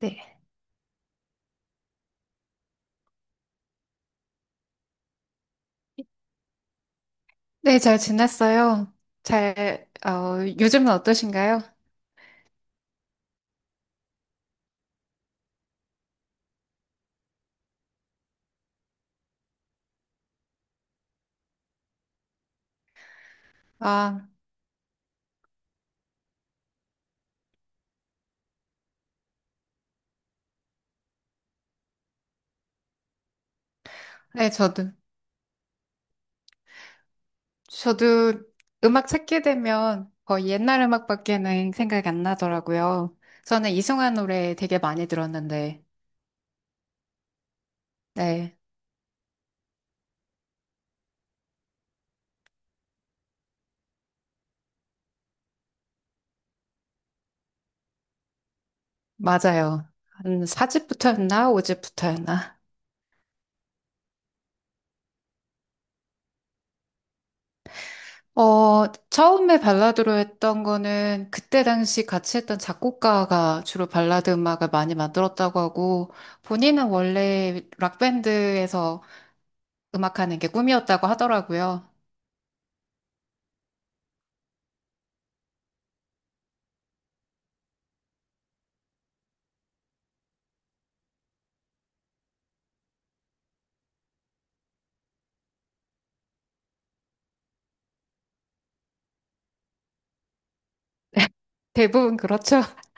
네. 네, 잘 지냈어요. 요즘은 어떠신가요? 아, 네, 저도. 저도 음악 찾게 되면 거의 옛날 음악밖에는 생각이 안 나더라고요. 저는 이승환 노래 되게 많이 들었는데, 네, 맞아요. 한 4집부터였나? 5집부터였나? 처음에 발라드로 했던 거는 그때 당시 같이 했던 작곡가가 주로 발라드 음악을 많이 만들었다고 하고, 본인은 원래 락밴드에서 음악하는 게 꿈이었다고 하더라고요. 대부분 그렇죠.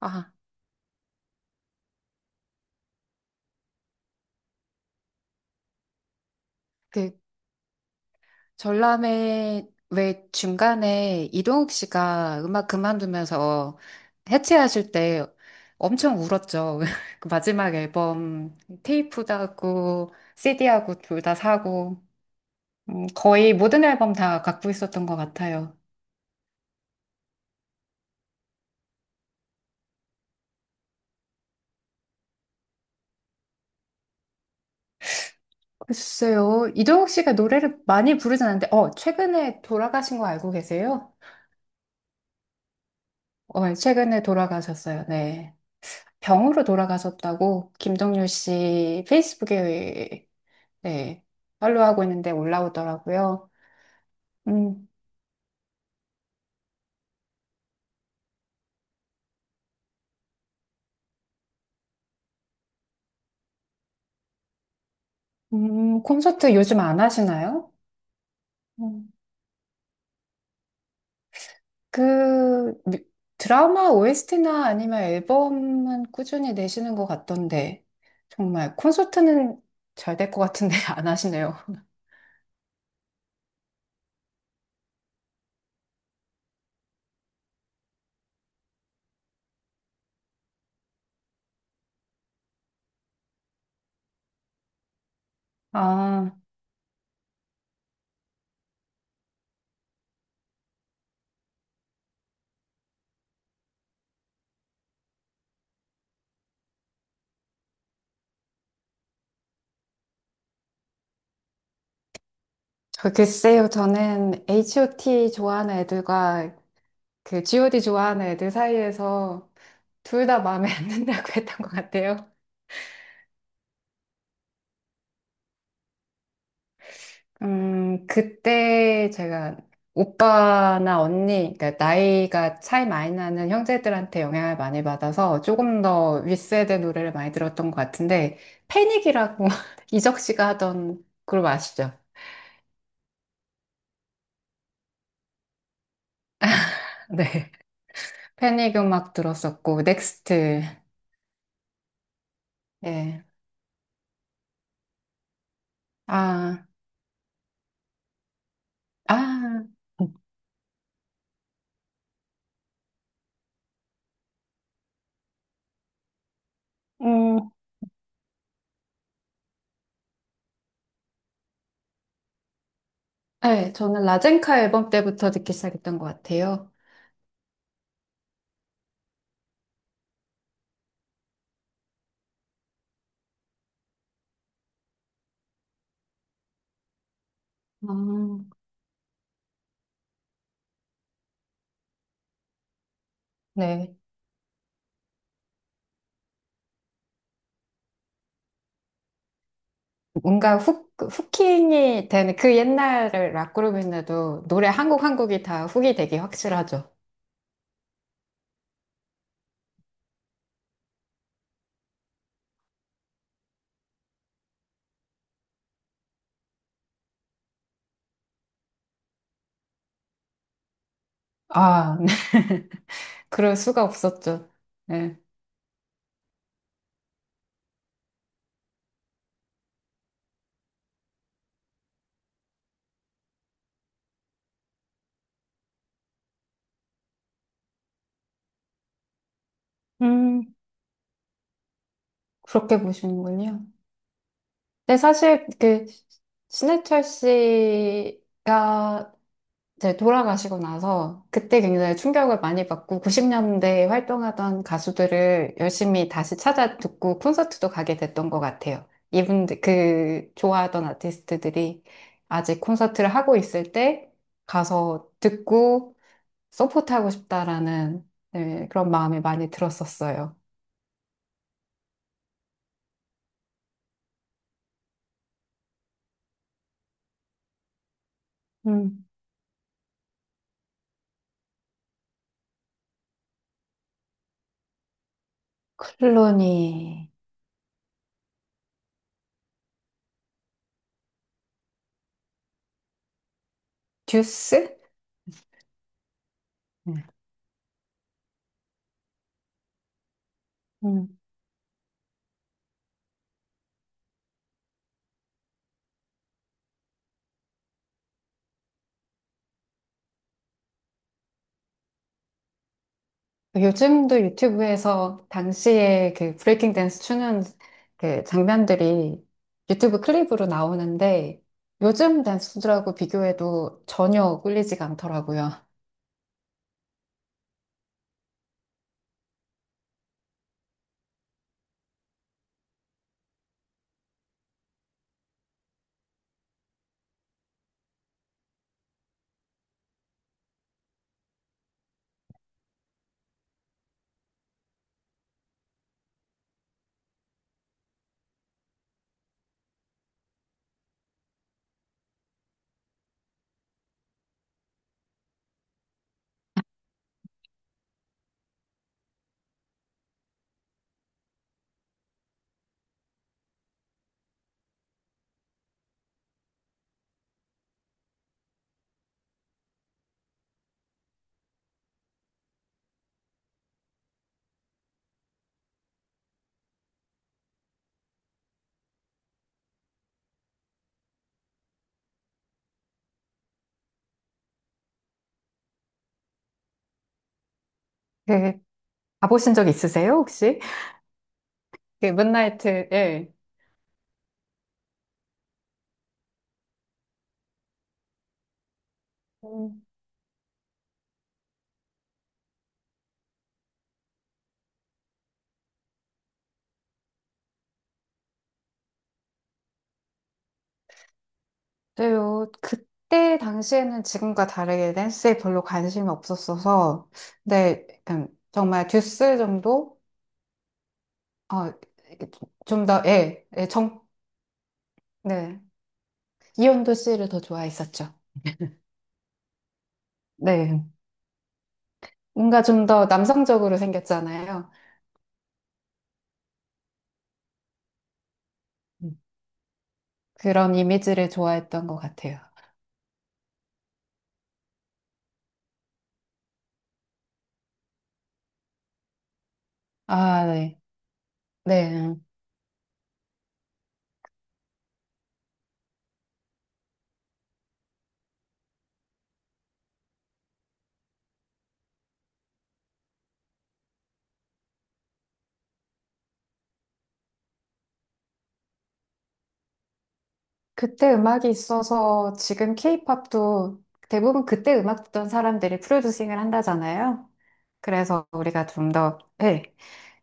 아, 그 전람회 왜 중간에 이동욱 씨가 음악 그만두면서 해체하실 때 엄청 울었죠. 그 마지막 앨범 테이프도 하고 CD하고 둘 다 사고 거의 모든 앨범 다 갖고 있었던 것 같아요. 글쎄요. 이동욱 씨가 노래를 많이 부르진 않는데 최근에 돌아가신 거 알고 계세요? 네, 최근에 돌아가셨어요. 네. 병으로 돌아가셨다고 김동률 씨 페이스북에 네, 팔로우하고 있는데 올라오더라고요. 음, 콘서트 요즘 안 하시나요? 음, 그 드라마 OST나 아니면 앨범은 꾸준히 내시는 것 같던데 정말 콘서트는 잘 될 것 같은데 안 하시네요. 아, 저 글쎄요. 저는 H.O.T 좋아하는 애들과 그 G.O.D 좋아하는 애들 사이에서 둘 다 마음에 안 든다고 했던 것 같아요. 그때 제가 오빠나 언니, 그러니까 나이가 차이 많이 나는 형제들한테 영향을 많이 받아서 조금 더 윗세대 노래를 많이 들었던 것 같은데, 패닉이라고 이적 씨가 하던 그룹 아시죠? 네. 패닉 음악 들었었고, 넥스트. 네. 아, 아. 음, 네, 저는 라젠카 앨범 때부터 듣기 시작했던 것 같아요. 아, 네. 뭔가 후킹이 되는 그 옛날을 락그룹인데도 노래 한 곡 한 곡이 다 훅이 되기 확실하죠. 아, 네. 그럴 수가 없었죠. 네. 음, 그렇게 보시는군요. 근데 사실 그 신해철 씨가 이제 돌아가시고 나서 그때 굉장히 충격을 많이 받고 90년대에 활동하던 가수들을 열심히 다시 찾아 듣고 콘서트도 가게 됐던 것 같아요. 이분들, 그 좋아하던 아티스트들이 아직 콘서트를 하고 있을 때 가서 듣고 서포트하고 싶다라는 네, 그런 마음이 많이 들었었어요. 음. 클로니, 듀스? 네. 요즘도 유튜브에서 당시에 그 브레이킹 댄스 추는 그 장면들이 유튜브 클립으로 나오는데 요즘 댄스들하고 비교해도 전혀 꿀리지가 않더라고요. 그, 가보신 적 있으세요, 혹시? 그, 문나이트, 예. 음. 그요 그때 당시에는 지금과 다르게 댄스에 별로 관심이 없었어서, 근데 약간 정말 듀스 정도? 어, 좀 더, 예, 예, 네. 이온도 씨를 더 좋아했었죠. 네. 뭔가 좀 더 남성적으로 생겼잖아요. 음. 그런 이미지를 좋아했던 것 같아요. 아, 네. 네. 그때 음악이 있어서 지금 케이팝도 대부분 그때 음악 듣던 사람들이 프로듀싱을 한다잖아요. 그래서 우리가 좀 더, 네.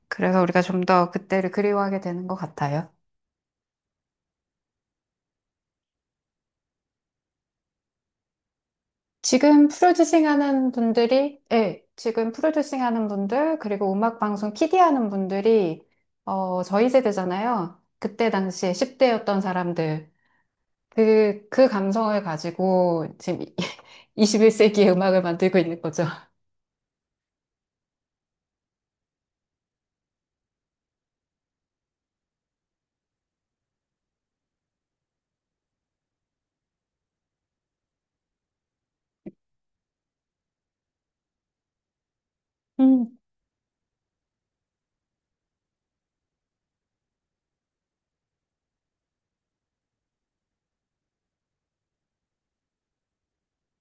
그래서 우리가 좀 더 그때를 그리워하게 되는 것 같아요. 지금 프로듀싱 하는 분들이, 예, 지금 프로듀싱 하는 분들, 그리고 음악 방송 PD 하는 분들이, 저희 세대잖아요. 그때 당시에 10대였던 사람들, 그 감성을 가지고 지금 21세기의 음악을 만들고 있는 거죠. 음.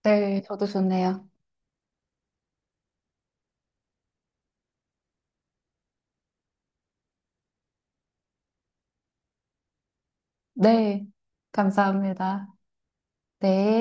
네, 저도 좋네요. 네, 감사합니다. 네.